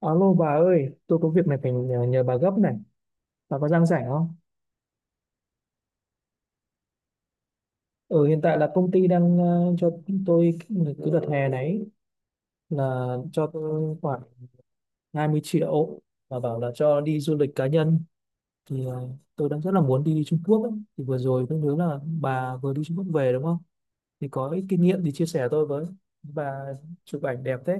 Alo bà ơi, tôi có việc này phải nhờ bà gấp này. Bà có đang rảnh không? Ừ, hiện tại là công ty đang cho tôi cái đợt hè này là cho tôi khoảng 20 triệu và bảo là cho đi du lịch cá nhân. Thì ờ, tôi đang rất là muốn đi Trung Quốc ấy. Thì vừa rồi tôi nhớ là bà vừa đi Trung Quốc về đúng không? Thì có ít kinh nghiệm thì chia sẻ tôi với. Bà chụp ảnh đẹp thế.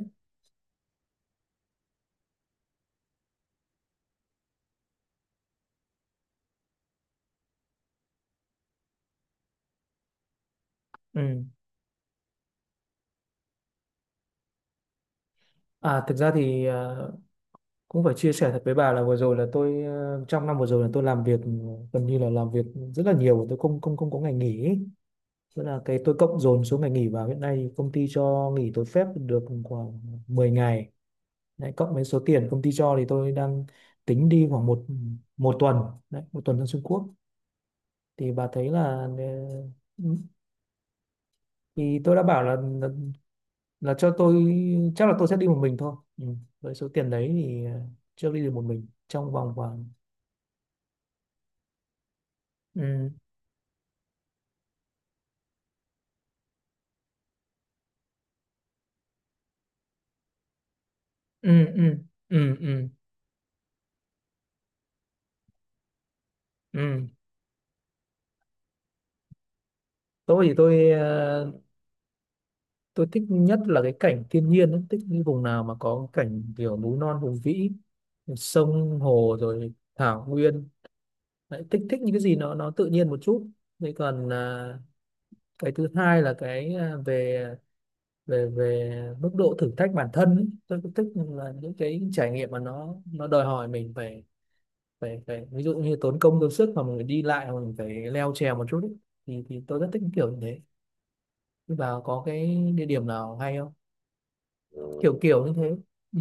Ừ. À, thực ra thì cũng phải chia sẻ thật với bà là vừa rồi là trong năm vừa rồi là tôi làm việc, gần như là làm việc rất là nhiều, tôi không không không có ngày nghỉ ấy. Tức là cái tôi cộng dồn số ngày nghỉ vào hiện nay công ty cho nghỉ tôi phép được khoảng 10 ngày đấy, cộng với số tiền công ty cho thì tôi đang tính đi khoảng một một tuần đấy, một tuần sang Trung Quốc thì bà thấy là ờ, thì tôi đã bảo là, là cho tôi, chắc là tôi sẽ đi một mình thôi. Ừ, với số tiền đấy thì chưa đi được một mình trong vòng khoảng. Ừ. Ừ ừ. Ừ. Ừ. Ừ. Tôi thì tôi thích nhất là cái cảnh thiên nhiên ấy. Thích những vùng nào mà có cảnh kiểu núi non hùng vĩ, sông hồ rồi thảo nguyên. Đấy, thích thích những cái gì nó tự nhiên một chút. Thế còn cái thứ hai là về về về mức độ thử thách bản thân ấy. Tôi cũng thích là những cái trải nghiệm mà nó đòi hỏi mình phải, phải ví dụ như tốn công tốn sức mà mình phải đi lại mà mình phải leo trèo một chút ấy. Thì tôi rất thích kiểu như thế. Thế bà có cái địa điểm nào hay không? Kiểu kiểu như thế. Ừ.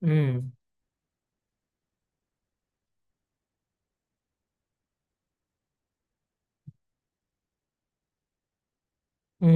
Ừ. Ừ.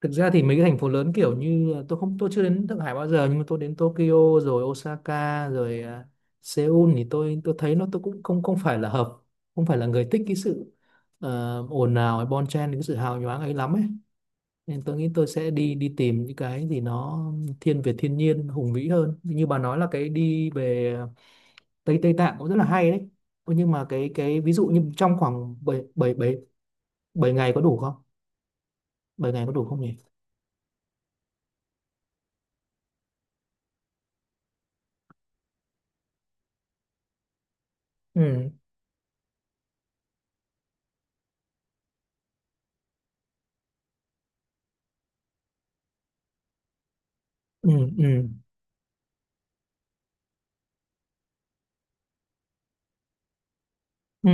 Thực ra thì mấy cái thành phố lớn kiểu như, tôi không tôi chưa đến Thượng Hải bao giờ, nhưng mà tôi đến Tokyo rồi Osaka rồi Seoul thì tôi thấy nó, tôi cũng không không phải là hợp, không phải là người thích cái sự ồn ào hay bon chen, cái sự hào nhoáng ấy lắm ấy, nên tôi nghĩ tôi sẽ đi đi tìm những cái gì nó thiên về thiên nhiên hùng vĩ hơn, như bà nói là cái đi về Tây Tây Tạng cũng rất là hay đấy. Ôi, nhưng mà cái ví dụ như trong khoảng bảy bảy bảy bảy ngày có đủ không? Bảy ngày có đủ không nhỉ? Ừ. Ừ ừ. Ừ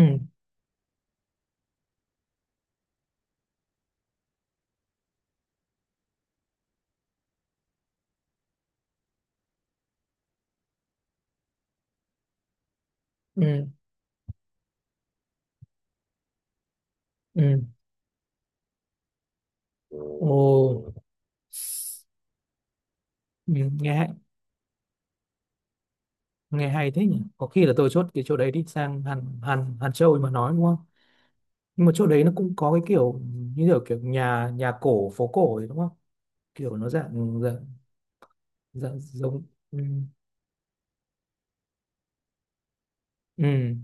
ừ. Ừ. Ồ. Ừ, nghe hay, nghe hay thế nhỉ. Có khi là tôi chốt cái chỗ đấy đi sang Hàn Hàn Hàn Châu mà nói đúng không? Nhưng mà chỗ đấy nó cũng có cái kiểu như kiểu kiểu nhà nhà cổ phố cổ ấy, đúng không? Kiểu nó dạng dạng, dạng giống. Ừ. Ừ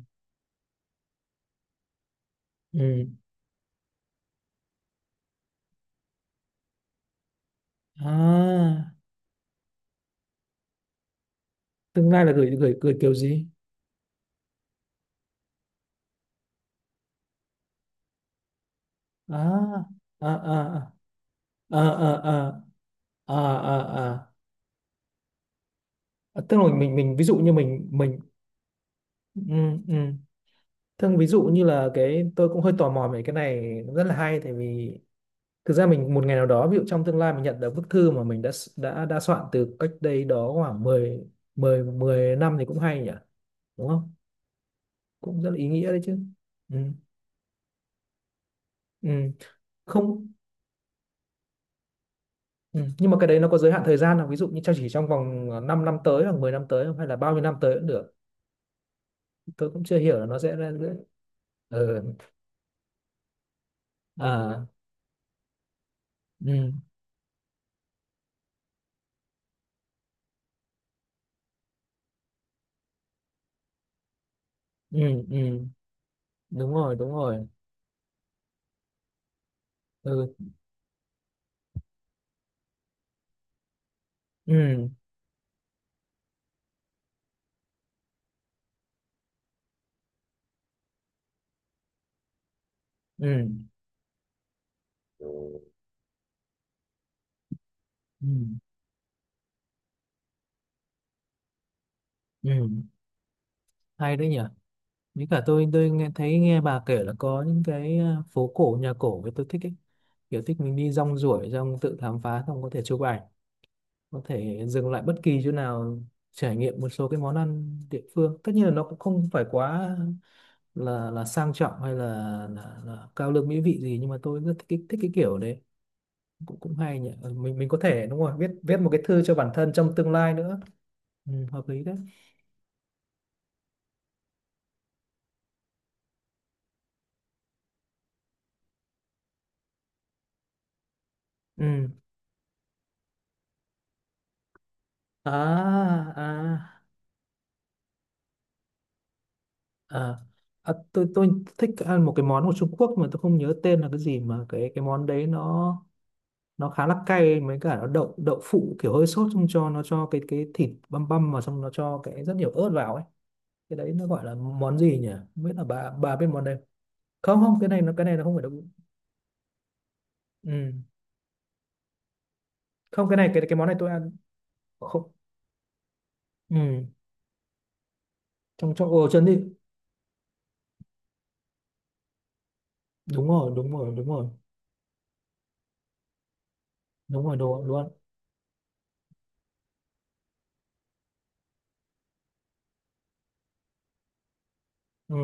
ừ. À, tương lai là gửi gửi gửi kiểu gì? À à. À à. À à. À. À, à. À, tức là mình ví dụ như mình, ừ, ừ. Thương ví dụ như là cái, tôi cũng hơi tò mò về cái này, rất là hay tại vì thực ra mình một ngày nào đó ví dụ trong tương lai mình nhận được bức thư mà mình đã đã soạn từ cách đây đó khoảng 10 10 10 năm thì cũng hay nhỉ, đúng không? Cũng rất là ý nghĩa đấy chứ. Ừ, ừ. Không. Ừ. Nhưng mà cái đấy nó có giới hạn thời gian là ví dụ như cho chỉ trong vòng 5 năm tới hoặc 10 năm tới không, hay là bao nhiêu năm tới cũng được? Tôi cũng chưa hiểu là nó sẽ ra giữa. Ừ. À. Ừ. Ừ. Ừ đúng rồi, đúng rồi. Ừ. Ừ. Ừ. Ừ. Ừ. Hay đấy nhỉ. Với cả tôi nghe thấy, nghe bà kể là có những cái phố cổ nhà cổ, với tôi thích ấy, kiểu thích mình đi rong ruổi rong tự khám phá, xong có thể chụp ảnh, có thể dừng lại bất kỳ chỗ nào, trải nghiệm một số cái món ăn địa phương. Tất nhiên là nó cũng không phải quá là sang trọng hay là cao lương mỹ vị gì, nhưng mà tôi rất thích thích cái kiểu đấy. Cũng cũng hay nhỉ. Ừ, mình có thể, đúng rồi, viết viết một cái thư cho bản thân trong tương lai nữa. Ừ, hợp lý đấy. Ừ. À. À. À, tôi, thích ăn một cái món của Trung Quốc mà tôi không nhớ tên là cái gì, mà cái món đấy nó khá là cay mấy cả nó đậu, đậu phụ kiểu hơi sốt, xong cho nó, cho cái thịt băm băm vào, xong nó cho cái rất nhiều ớt vào ấy. Cái đấy nó gọi là món gì nhỉ? Không biết là bà biết món đấy không? Không cái này nó không phải đậu. Ừ. Không, cái cái món này tôi ăn. Không. Ừ, trong trong ồ chân đi. Đúng rồi, đúng rồi, đúng rồi. Đúng rồi, đồ luôn. Ừ.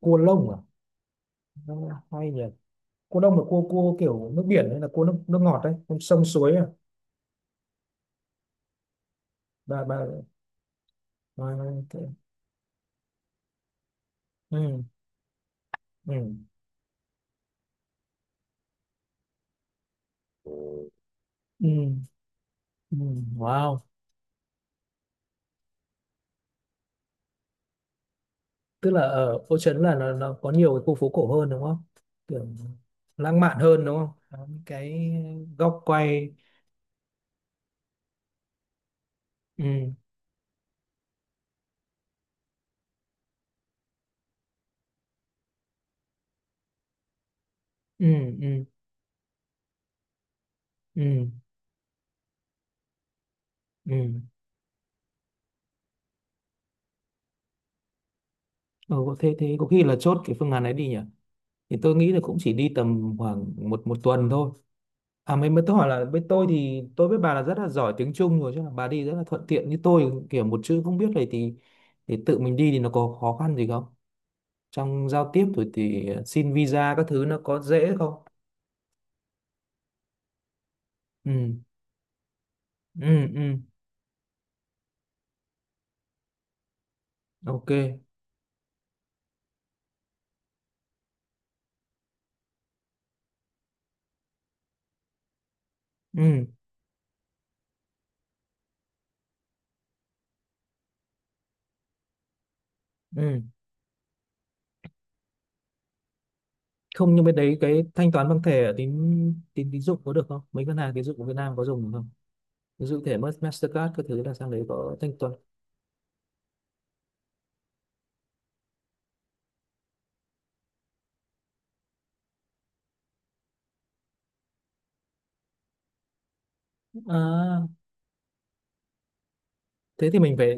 Cua lông à? Nó hay nhỉ. Cua lông là cua cua kiểu nước biển hay là cua nước nước ngọt đấy? Con sông suối à? Bà bà, bà thế-. Ừ. Ừ. Ừ. Ừ. Wow. Tức là ở phố Trấn là nó có nhiều cái khu phố cổ hơn đúng không? Kiểu lãng mạn hơn đúng không? Có những cái góc quay. Ừ. Ừ. Ừ. Ừ. Ừ. Ừ. Thế thế có khi là chốt cái phương án ấy đi nhỉ. Thì tôi nghĩ là cũng chỉ đi tầm khoảng một một tuần thôi. À mới mới tôi hỏi là, với tôi thì tôi biết bà là rất là giỏi tiếng Trung rồi chứ là bà đi rất là thuận tiện, như tôi kiểu một chữ không biết này, thì tự mình đi thì nó có khó khăn gì không? Trong giao tiếp rồi thì xin visa các thứ nó có dễ không? Ừ. Ừ. Ừ. Ok. Ừ. Ừ. Không, nhưng bên đấy cái thanh toán bằng thẻ ở tín tín tín dụng có được không? Mấy ngân hàng tín dụng của Việt Nam có dùng được không? Ví dụ thẻ Mastercard các thứ là sang đấy có thanh toán. À, thế thì mình phải.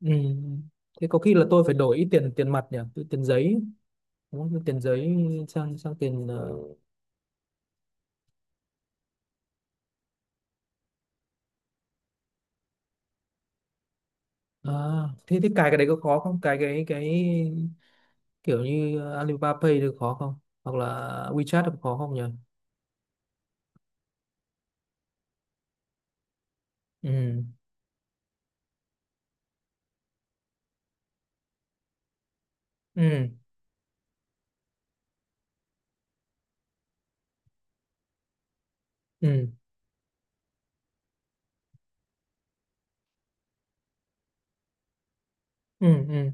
Ừ. Thế có khi là tôi phải đổi ít tiền, tiền mặt nhỉ, tiền giấy, muốn cái tiền giấy sang, sang tiền à, thế thế cài cái đấy có khó không? Cài cái kiểu như Alibaba Pay được khó không, hoặc là WeChat được khó không nhỉ? Ừ. Ừ. Ừ. Ừ. Ừ.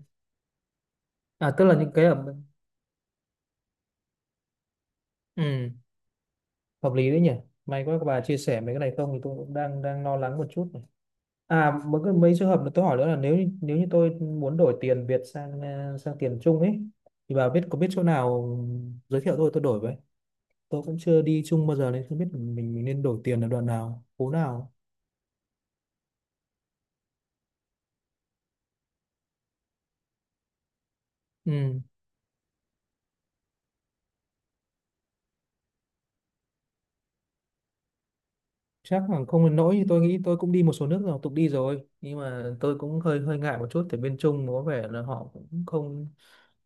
À tức là những cái ở. Ừ, hợp lý đấy nhỉ. May quá các bà chia sẻ mấy cái này, không thì tôi cũng đang đang lo lắng một chút này. À mấy cái, mấy trường hợp mà tôi hỏi nữa là nếu như-, nếu như tôi muốn đổi tiền Việt sang sang tiền Trung ấy, thì bà biết, có biết chỗ nào? Ừ, giới thiệu tôi đổi với. Tôi cũng chưa đi chung bao giờ nên không biết mình nên đổi tiền ở đoạn nào, phố nào. Ừ. Chắc là không đến nỗi như tôi nghĩ, tôi cũng đi một số nước rồi, tục đi rồi, nhưng mà tôi cũng hơi hơi ngại một chút tại bên Trung có vẻ là họ cũng không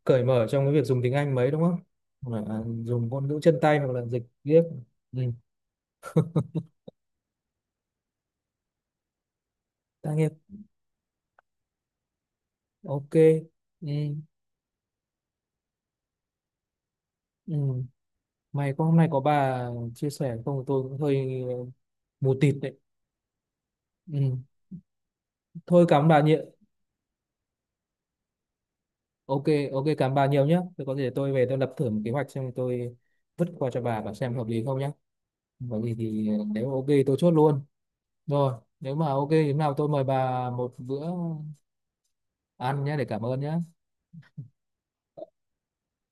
cởi mở trong cái việc dùng tiếng Anh mấy đúng không? Hoặc là dùng ngôn ngữ chân tay hoặc là dịch viết. Ừ. Tác nghiệp, ok. Ừ. Ừ. May có hôm nay có bà chia sẻ, không thì tôi cũng hơi mù tịt đấy. Ừ. Thôi cảm ơn bà nhiều. Ok, ok, cảm ơn bà nhiều nhé. Tôi có thể tôi về tôi lập thử một kế hoạch xem, tôi vứt qua cho bà và xem hợp lý không nhé. Có gì thì nếu mà ok tôi chốt luôn. Rồi, nếu mà ok thế nào tôi mời bà một bữa ăn nhé để cảm ơn nhé.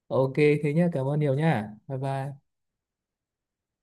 Ok, thế nhé, cảm ơn nhiều nhé. Bye bye.